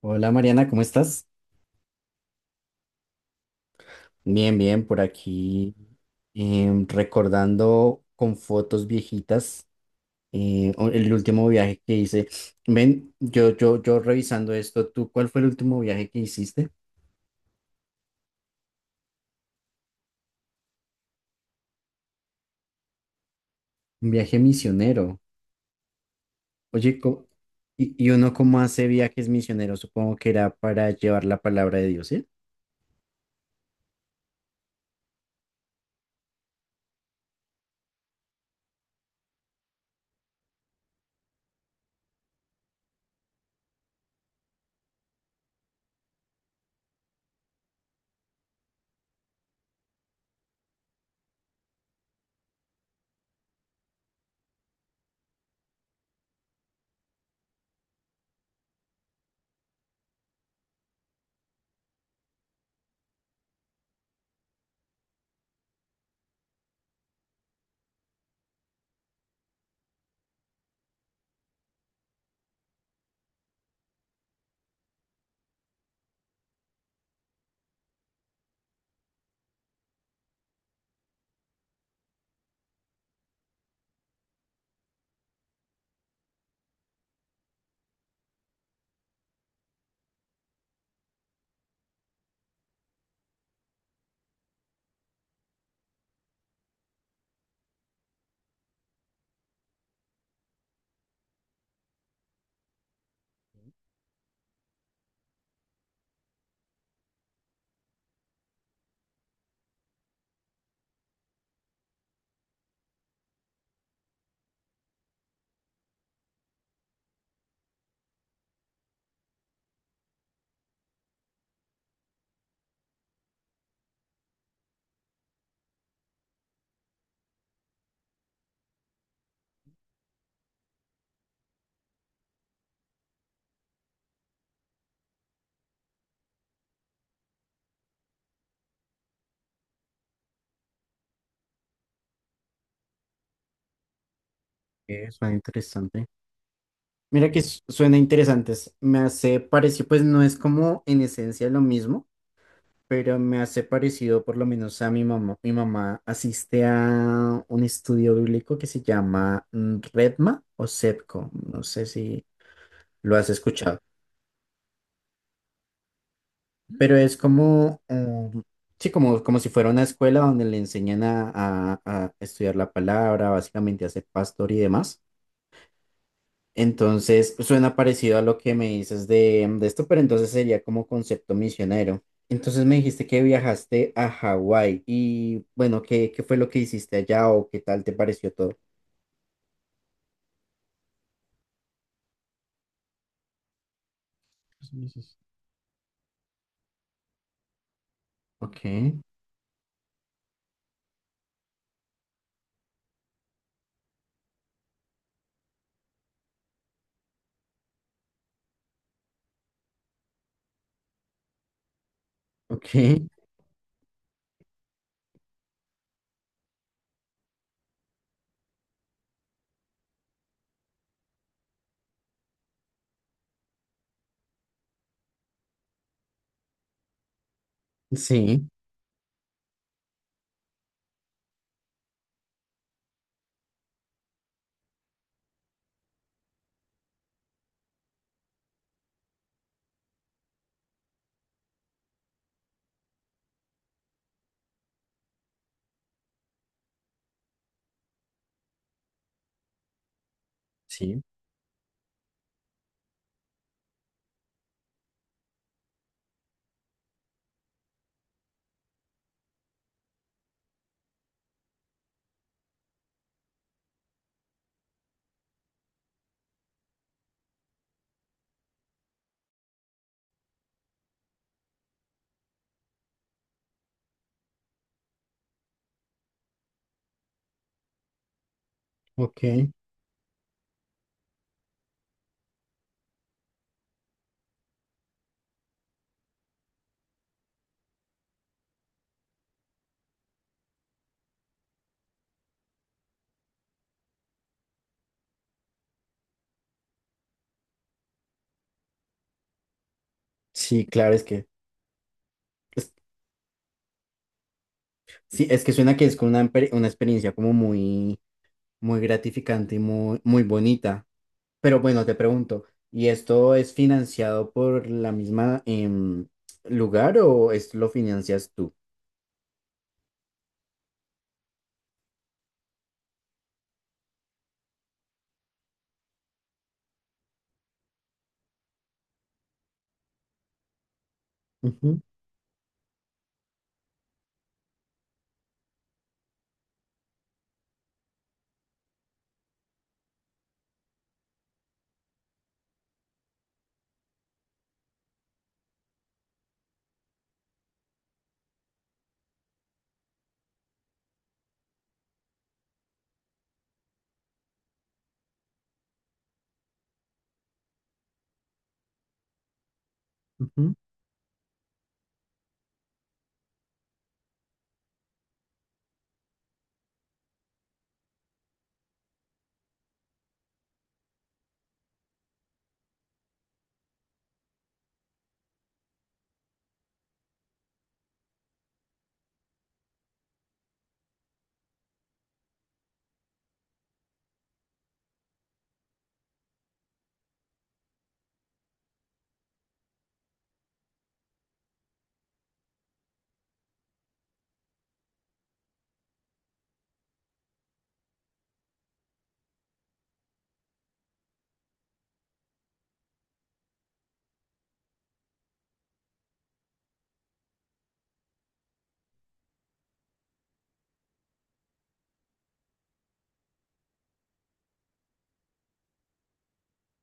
Hola Mariana, ¿cómo estás? Bien, bien, por aquí recordando con fotos viejitas el último viaje que hice. Ven, yo revisando esto, ¿tú cuál fue el último viaje que hiciste? Un viaje misionero. Oye, ¿y uno cómo hace viajes misioneros? Supongo que era para llevar la palabra de Dios, ¿sí? Suena interesante. Mira que suena interesante, me hace parecer, pues no es como en esencia lo mismo, pero me hace parecido por lo menos a mi mamá. Mi mamá asiste a un estudio bíblico que se llama Redma o SEPCO, no sé si lo has escuchado, pero es como, sí, como si fuera una escuela donde le enseñan a estudiar la palabra, básicamente a ser pastor y demás. Entonces, pues, suena parecido a lo que me dices de esto, pero entonces sería como concepto misionero. Entonces me dijiste que viajaste a Hawái y bueno, ¿qué fue lo que hiciste allá o qué tal te pareció todo? Pues, me dices, ok, ok, sí, sí, ok, sí, claro, es que, es- sí, es que suena que es como una, una experiencia como muy, muy gratificante y muy, muy bonita. Pero bueno, te pregunto, ¿y esto es financiado por la misma lugar o es, lo financias tú? Ujú, ujú.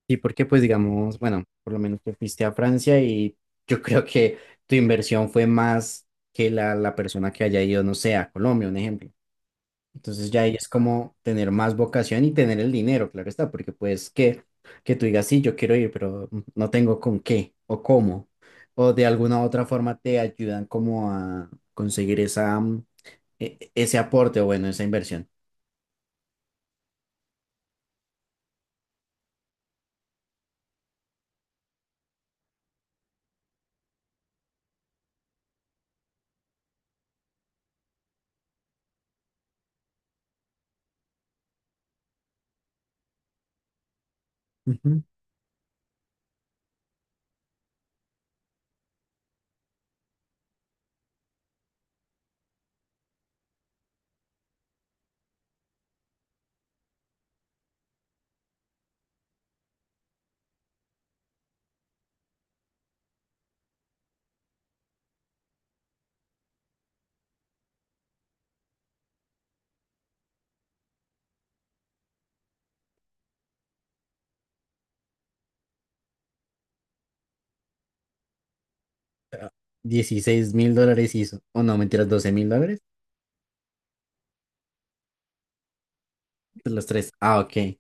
Sí, porque pues digamos, bueno, por lo menos te fuiste a Francia y yo creo que tu inversión fue más que la persona que haya ido, no sé, a Colombia, un ejemplo. Entonces ya ahí es como tener más vocación y tener el dinero, claro está, porque pues que tú digas, sí, yo quiero ir, pero no tengo con qué o cómo, o de alguna otra forma te ayudan como a conseguir esa, ese aporte o bueno, esa inversión. Ujú. 16 mil dólares hizo, o no, mentiras, 12.000 dólares, los tres. Ah, ok.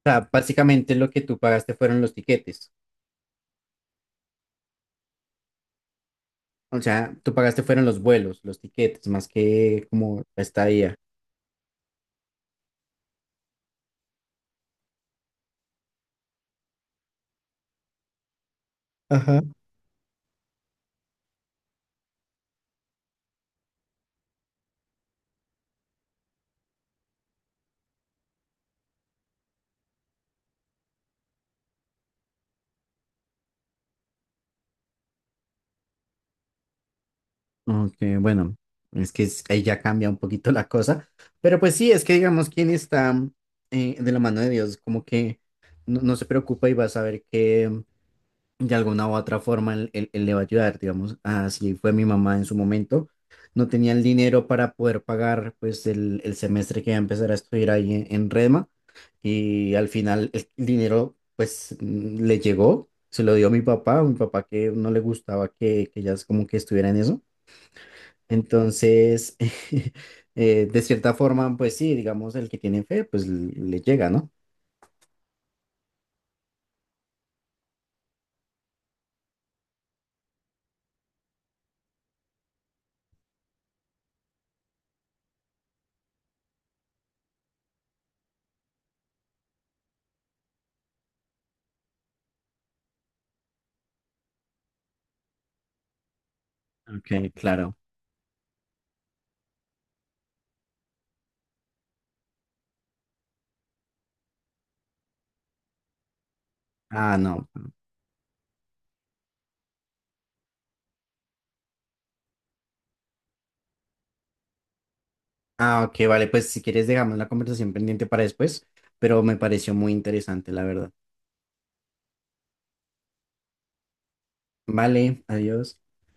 O sea, básicamente lo que tú pagaste fueron los tiquetes, o sea, tú pagaste fueron los vuelos, los tiquetes, más que como la estadía. Ok, bueno, es que ahí ya cambia un poquito la cosa, pero pues sí, es que digamos, quien está de la mano de Dios, como que no, no se preocupa y va a saber que de alguna u otra forma él, él le va a ayudar, digamos, así fue mi mamá en su momento, no tenía el dinero para poder pagar pues el semestre que iba a empezar a estudiar ahí en Redma y al final el dinero pues le llegó, se lo dio a mi papá que no le gustaba que ella como que estuviera en eso. Entonces, de cierta forma, pues sí, digamos, el que tiene fe, pues le llega, ¿no? Ok, claro. Ah, no. Ah, ok, vale, pues si quieres dejamos la conversación pendiente para después, pero me pareció muy interesante, la verdad. Vale, adiós.